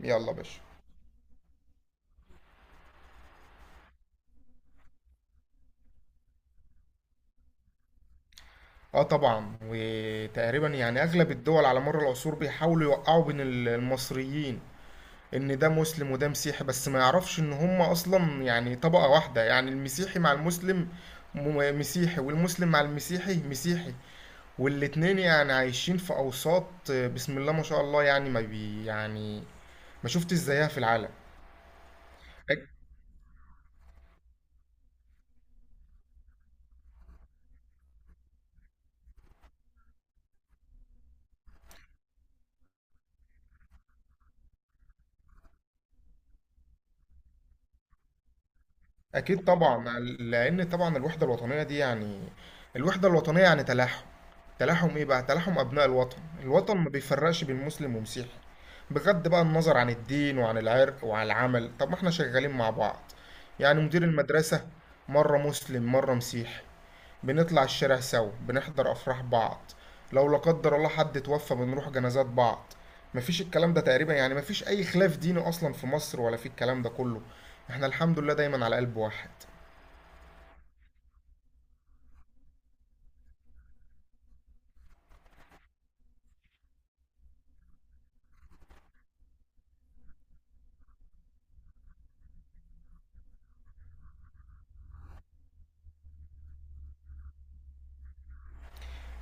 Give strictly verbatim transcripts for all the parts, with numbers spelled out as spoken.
يلا يا باشا. اه طبعا، وتقريبا يعني اغلب الدول على مر العصور بيحاولوا يوقعوا بين ال- المصريين، ان ده مسلم وده مسيحي، بس ما يعرفش ان هم اصلا يعني طبقة واحدة، يعني المسيحي مع المسلم م- مسيحي، والمسلم مع المسيحي مسيحي، والاتنين يعني عايشين في اوساط. آه، بسم الله ما شاء الله، يعني ما بي يعني ما شفتش زيها في العالم. اكيد طبعا، لان طبعا الوحده الوطنيه دي يعني الوحده الوطنيه يعني تلاحم تلاحم ايه بقى، تلاحم ابناء الوطن، الوطن ما بيفرقش بين مسلم ومسيحي، بغض بقى النظر عن الدين وعن العرق وعن العمل، طب ما احنا شغالين مع بعض. يعني مدير المدرسه مره مسلم مره مسيحي، بنطلع الشارع سوا، بنحضر أفراح بعض، لو لا قدر الله حد اتوفى بنروح جنازات بعض، مفيش الكلام ده، تقريبا يعني مفيش أي خلاف ديني أصلا في مصر ولا في الكلام ده كله، احنا الحمد لله دايما على قلب واحد.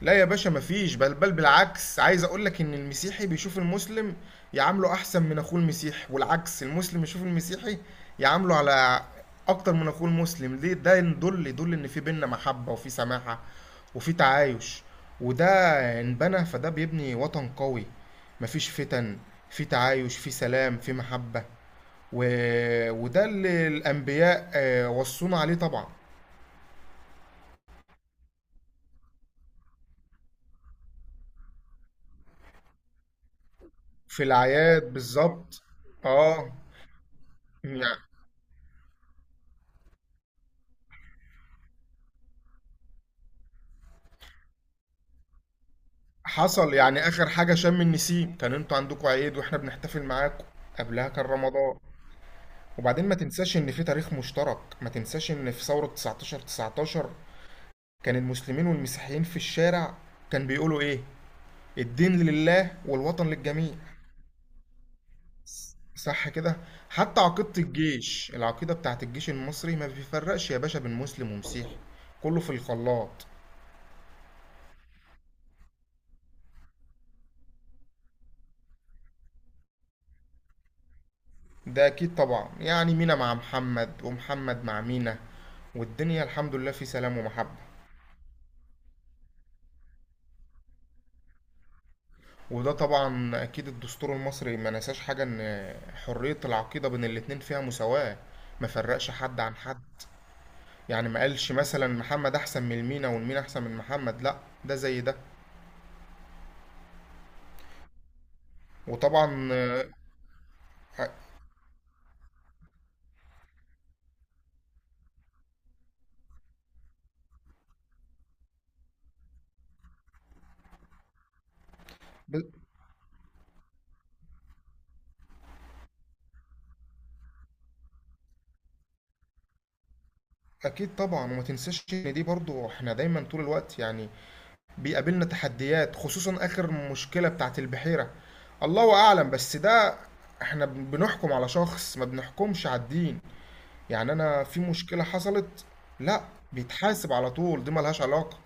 لا يا باشا، مفيش، بل بل بالعكس، عايز اقولك ان المسيحي بيشوف المسلم يعامله احسن من اخوه المسيحي، والعكس المسلم يشوف المسيحي يعامله على اكتر من اخوه المسلم، ليه؟ ده يدل يدل ان في بينا محبة وفي سماحة وفي تعايش، وده انبنى، فده بيبني وطن قوي، مفيش فتن، في تعايش في سلام في محبة، و... وده اللي الانبياء آه، وصونا عليه طبعا. في الاعياد بالظبط. اه، يعني حصل يعني اخر حاجه شم النسيم، كان انتوا عندكم عيد واحنا بنحتفل معاكم، قبلها كان رمضان. وبعدين ما تنساش ان في تاريخ مشترك، ما تنساش ان في ثوره تسعتاشر تسعتاشر كان المسلمين والمسيحيين في الشارع، كان بيقولوا ايه؟ الدين لله والوطن للجميع. صح كده. حتى عقيده الجيش، العقيده بتاعت الجيش المصري، ما بيفرقش يا باشا بين مسلم ومسيحي، كله في الخلاط. ده اكيد طبعا، يعني مينا مع محمد، ومحمد مع مينا، والدنيا الحمد لله في سلام ومحبه. وده طبعا اكيد الدستور المصري ما نساش حاجه، ان حريه العقيده بين الاتنين فيها مساواه، ما فرقش حد عن حد، يعني ما قالش مثلا محمد احسن من المينا، والمينا احسن من محمد، لا، ده زي ده. وطبعا آه، ب- اكيد طبعا. وما تنساش ان دي برضو، احنا دايما طول الوقت يعني بيقابلنا تحديات، خصوصا اخر مشكله بتاعت البحيره، الله اعلم، بس ده احنا بن- بنحكم على شخص، ما بنحكمش على الدين، يعني انا في مشكلة حصلت. لا، بيتحاسب على طول، دي ملهاش علاقة.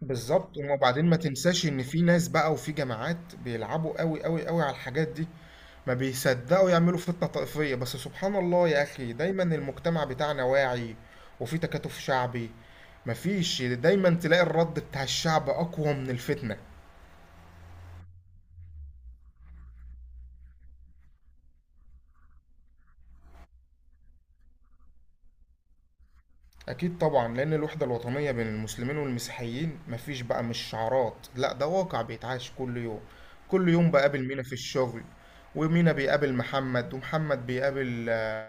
بالظبط. وبعدين ما تنساش ان في ناس بقى وفي جماعات بيلعبوا قوي قوي قوي على الحاجات دي، ما بيصدقوا يعملوا فتنة طائفية، بس سبحان الله يا اخي، دايما المجتمع بتاعنا واعي، وفي تكاتف شعبي، مفيش، دايما تلاقي الرد بتاع الشعب اقوى من الفتنة. أكيد طبعا، لأن الوحدة الوطنية بين المسلمين والمسيحيين مفيش بقى، مش شعارات، لأ ده واقع بيتعاش كل يوم، كل يوم بقابل مينا في الشغل، ومينا بيقابل محمد، ومحمد بيقابل آه،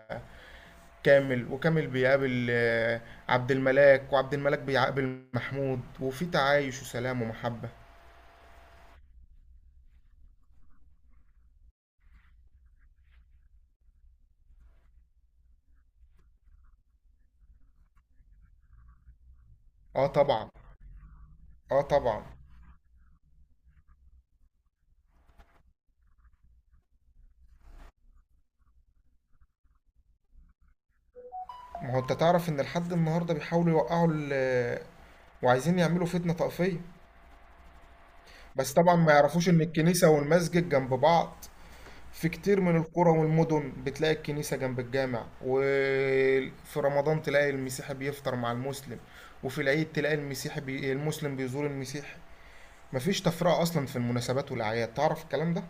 كامل، وكامل بيقابل آه، عبد الملاك، وعبد الملاك بيقابل محمود، وفي تعايش وسلام ومحبة. اه طبعا. اه طبعا. ما هو انت تعرف ان لحد النهارده بيحاولوا يوقعوا ال- وعايزين يعملوا فتنة طائفية، بس طبعا ما يعرفوش ان الكنيسة والمسجد جنب بعض، في كتير من القرى والمدن بتلاقي الكنيسة جنب الجامع، وفي رمضان تلاقي المسيحي بيفطر مع المسلم، وفي العيد تلاقي المسيحي بي... المسلم بيزور المسيحي، مفيش تفرقة أصلا في المناسبات والأعياد، تعرف الكلام ده؟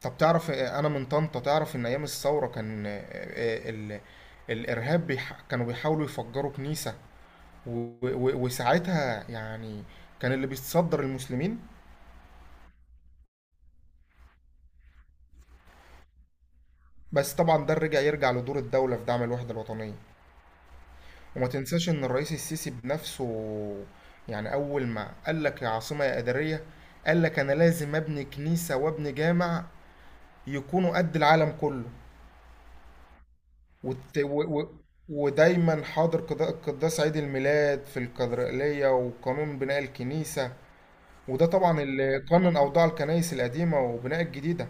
طب تعرف آه، أنا من طنطا، تعرف إن أيام الثورة كان آه، آه، ال... الإرهاب بيح... كانوا بيحاولوا يفجروا كنيسة، و... و... وساعتها يعني كان اللي بيتصدر المسلمين. بس طبعا ده رجع، يرجع لدور الدولة في دعم الوحدة الوطنية، وما تنساش ان الرئيس السيسي بنفسه، يعني اول ما قال لك يا عاصمة يا إدارية، قال لك انا لازم ابني كنيسة وابني جامع يكونوا قد العالم كله، وت... و... و... ودايما حاضر قضاء- قداس عيد الميلاد في الكاتدرائية، وقانون بناء الكنيسة، وده طبعا اللي قانون أوضاع الكنائس القديمة وبناء الجديدة.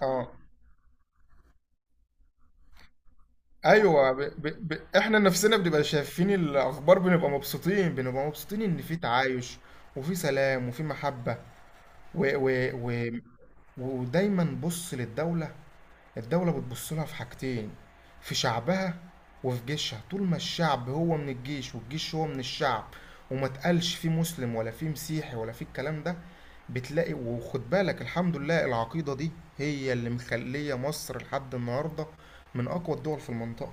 اه ايوه، ب... ب... ب... احنا نفسنا بنبقى شايفين الاخبار، بنبقى مبسوطين، بنبقى مبسوطين ان في تعايش وفي سلام وفي محبة، و و و ودايما بص للدولة، الدولة بتبص لها في حاجتين، في شعبها وفي جيشها، طول ما الشعب هو من الجيش والجيش هو من الشعب، وما تقالش فيه مسلم ولا فيه مسيحي ولا فيه الكلام ده، بتلاقي، وخد بالك، الحمد لله العقيدة دي هي اللي مخلية مصر لحد النهاردة من أقوى الدول في المنطقة.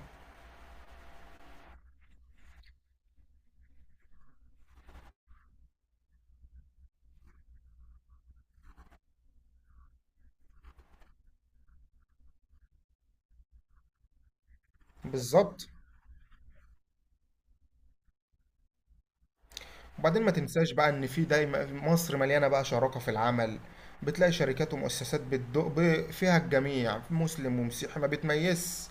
بالظبط. وبعدين ما تنساش بقى ان في دايما مصر مليانه بقى شراكه في العمل، بتلاقي شركات ومؤسسات بتدق ب- فيها الجميع مسلم ومسيحي، ما بتميزش،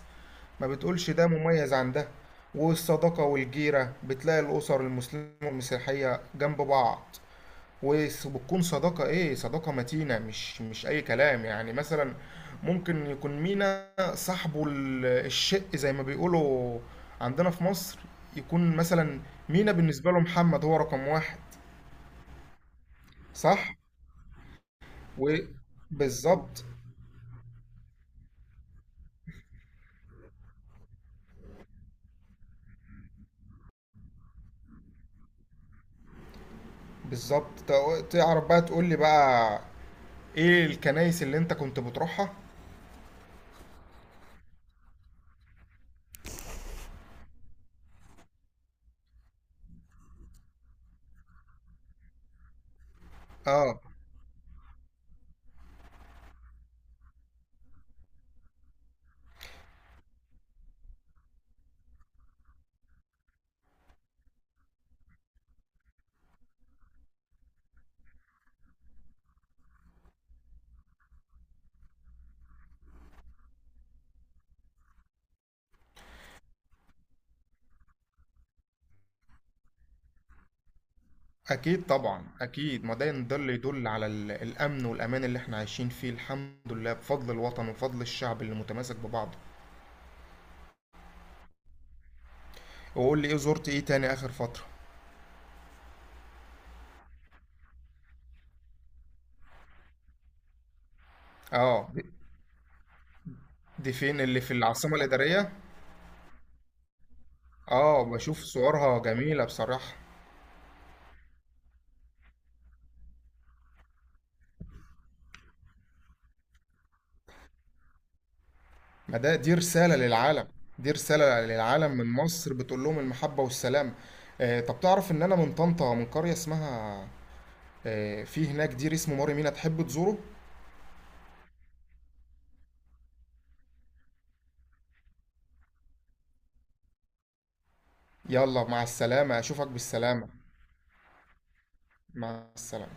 ما بتقولش ده مميز عن ده، والصداقه والجيره بتلاقي الاسر المسلمه والمسيحيه جنب بعض، وبتكون صداقه ايه؟ صداقه متينه، مش مش اي كلام، يعني مثلا ممكن يكون مينا صاحبه ال- الشق زي ما بيقولوا عندنا في مصر، يكون مثلا مينا بالنسبه له محمد هو رقم واحد. صح. وبالظبط، بالظبط. تا- تعرف بقى، تقول لي بقى ايه الكنائس اللي انت كنت بتروحها. اه. اكيد طبعا، اكيد، ما ده ده اللي يدل على ال- الامن والامان اللي احنا عايشين فيه، الحمد لله، بفضل الوطن، وبفضل الشعب اللي متماسك ببعضه. وقول لي ايه، زرت ايه تاني اخر فترة؟ اه دي دي فين اللي في العاصمة الإدارية؟ اه، بشوف صورها جميلة بصراحة. ما ده دي رسالة للعالم، دي رسالة للعالم من مصر بتقول لهم المحبة والسلام. آه طب تعرف ان انا من طنطا، من قرية اسمها، آه في هناك دير اسمه ماري مينا، تحب تزوره. يلا مع السلامة، اشوفك بالسلامة. مع السلامة.